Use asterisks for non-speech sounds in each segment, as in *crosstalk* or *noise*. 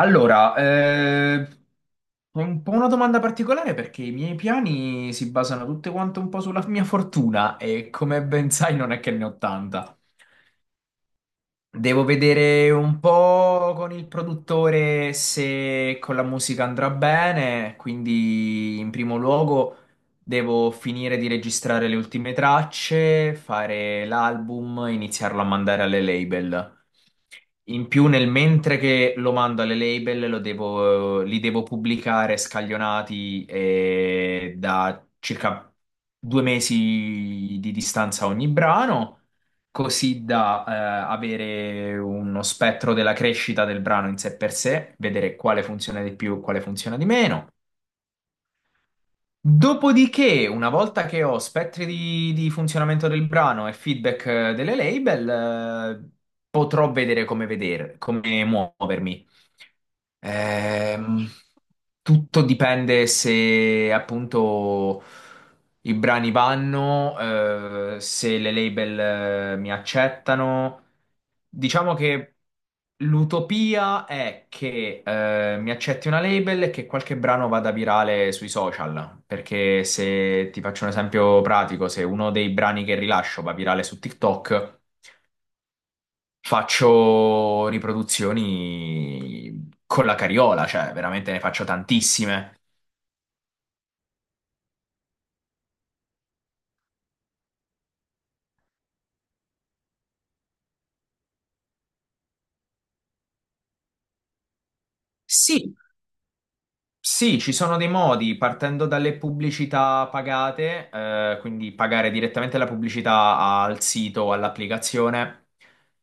Allora, è un po' una domanda particolare perché i miei piani si basano tutte quante un po' sulla mia fortuna e come ben sai non è che ne ho tanta. Devo vedere un po' con il produttore se con la musica andrà bene, quindi in primo luogo devo finire di registrare le ultime tracce, fare l'album, iniziarlo a mandare alle label. In più, nel mentre che lo mando alle label, li devo pubblicare scaglionati da circa 2 mesi di distanza ogni brano così da avere uno spettro della crescita del brano in sé per sé, vedere quale funziona di più e quale funziona di meno. Dopodiché, una volta che ho spettri di funzionamento del brano e feedback delle label, eh, potrò vedere come muovermi. Ehm, Tutto dipende se appunto i brani vanno, se le label, mi accettano. Diciamo che l'utopia è che, mi accetti una label e che qualche brano vada virale sui social. Perché se ti faccio un esempio pratico, se uno dei brani che rilascio va virale su TikTok. Faccio riproduzioni con la cariola, cioè veramente ne faccio tantissime. Sì, sì, ci sono dei modi, partendo dalle pubblicità pagate, quindi pagare direttamente la pubblicità al sito o all'applicazione.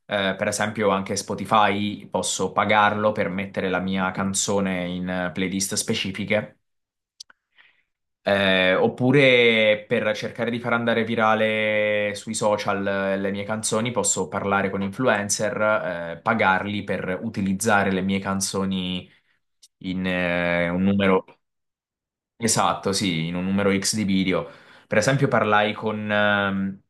Per esempio, anche Spotify posso pagarlo per mettere la mia canzone in playlist specifiche. Oppure per cercare di far andare virale sui social le mie canzoni, posso parlare con influencer, pagarli per utilizzare le mie canzoni in un numero esatto, sì, in un numero X di video. Per esempio, parlai con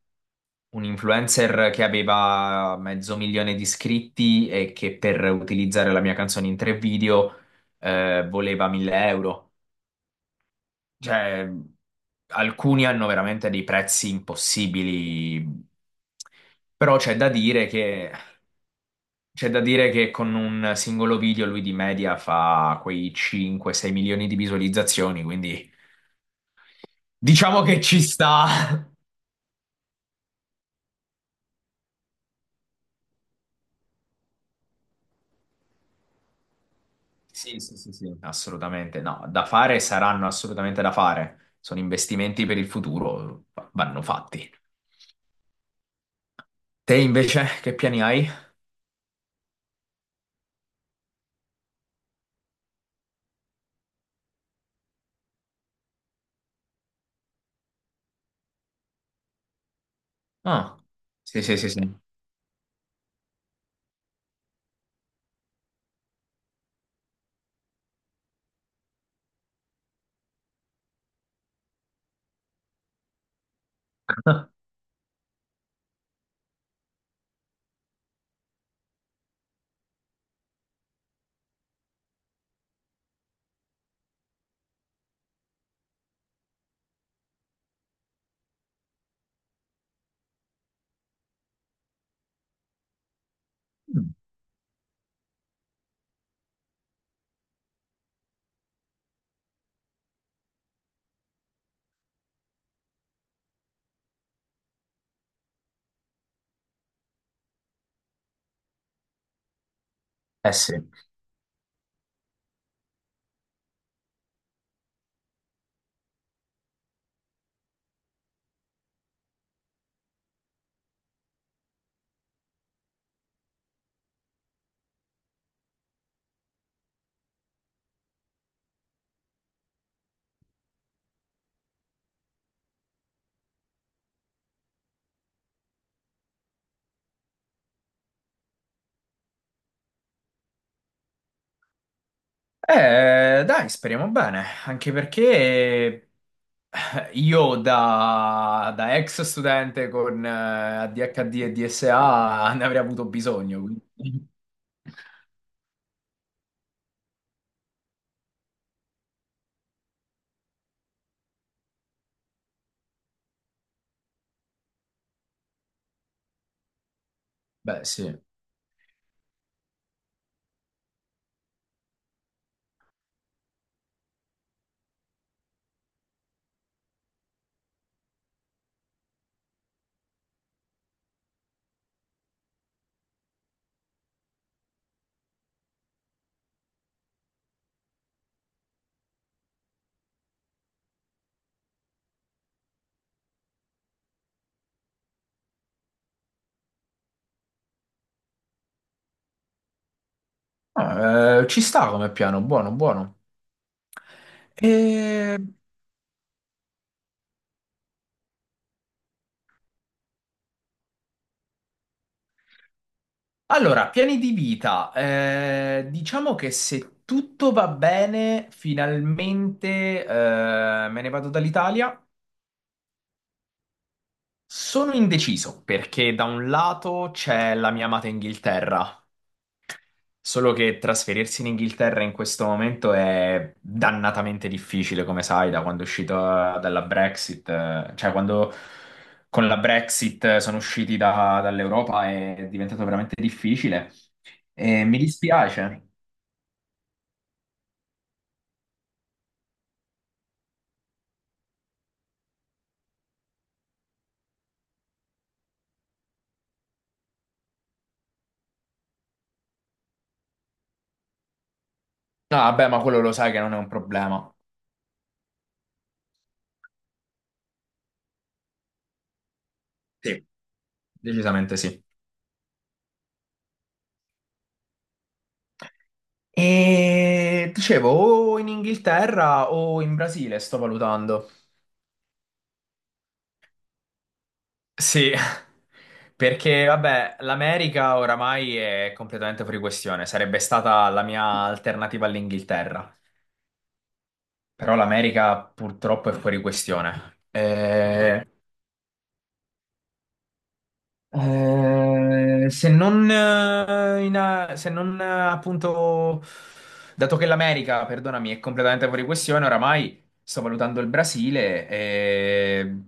un influencer che aveva 500.000 di iscritti e che per utilizzare la mia canzone in 3 video voleva 1000 euro. Cioè, alcuni hanno veramente dei prezzi impossibili, però c'è da dire che. C'è da dire che con un singolo video lui di media fa quei 5-6 milioni di visualizzazioni, quindi diciamo che ci sta. Sì, sì, sì, sì. Assolutamente. No, da fare saranno assolutamente da fare. Sono investimenti per il futuro, vanno fatti. Te invece che piani hai? Ah, sì, sì, sì, sì. *laughs* Eh sì. Dai, speriamo bene, anche perché io da ex studente con ADHD e DSA *laughs* ne avrei avuto bisogno, quindi... *laughs* Beh, sì. Ah, ci sta come piano, buono, buono. E- Allora, piani di vita. Diciamo che se tutto va bene, finalmente me ne vado dall'Italia. Sono indeciso perché da un lato c'è la mia amata Inghilterra, solo che trasferirsi in Inghilterra in questo momento è dannatamente difficile, come sai, da quando è uscito dalla Brexit, cioè quando con la Brexit sono usciti dall'Europa è diventato veramente difficile e mi dispiace. No, vabbè, ma quello lo sai che non è un problema. Sì, decisamente sì. E dicevo, o in Inghilterra o in Brasile, sto valutando. Sì, *laughs* perché vabbè, l'America oramai è completamente fuori questione, sarebbe stata la mia alternativa all'Inghilterra, però l'America purtroppo è fuori questione. Se non appunto, dato che l'America, perdonami, è completamente fuori questione, oramai sto valutando il Brasile.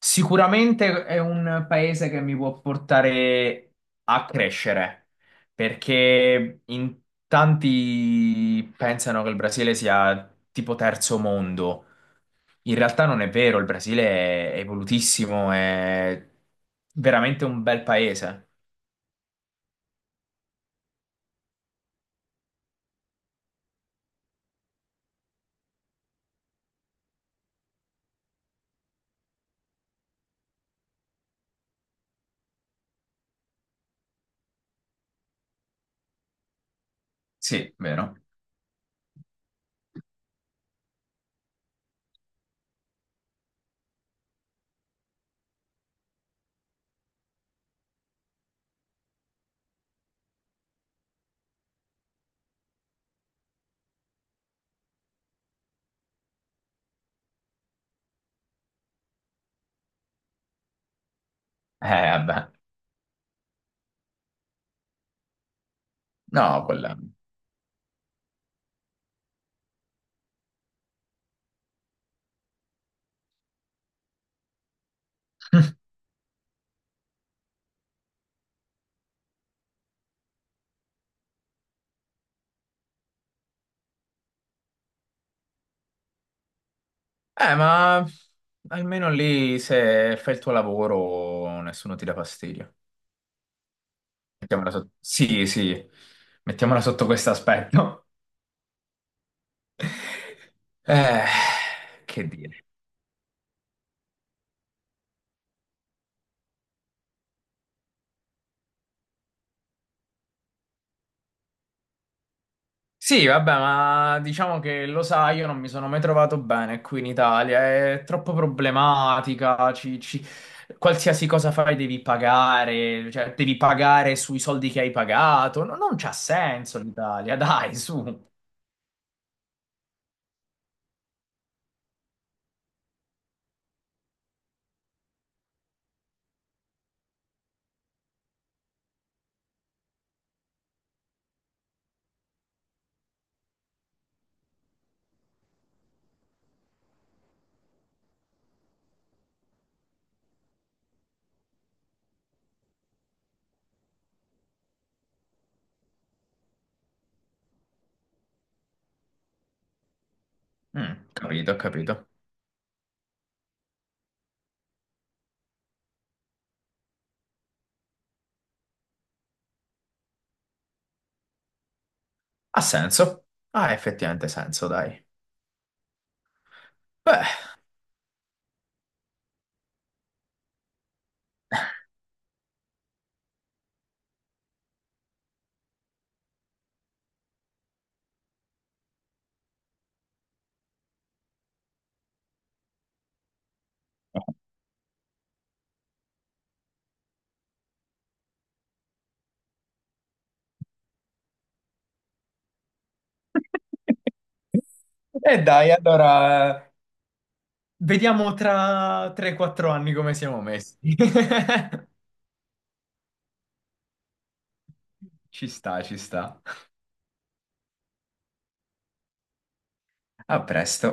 Sicuramente è un paese che mi può portare a crescere, perché in tanti pensano che il Brasile sia tipo terzo mondo. In realtà non è vero, il Brasile è evolutissimo, è veramente un bel paese. Sì, vero. Eh, vabbè. No, quella... *laughs* ma almeno lì se fai il tuo lavoro nessuno ti dà fastidio. Mettiamola sotto. Sì, sì, mettiamola sotto questo aspetto. Eh, che dire. Sì, vabbè, ma diciamo che lo sai, io non mi sono mai trovato bene qui in Italia, è troppo problematica, qualsiasi cosa fai devi pagare, cioè devi pagare sui soldi che hai pagato, non c'ha senso l'Italia, dai, su. Mm, capito, capito. Ha senso? Ha effettivamente senso, dai. Beh. *laughs* E dai, allora. Vediamo tra 3-4 anni come siamo messi. *laughs* Ci sta, ci sta. A presto.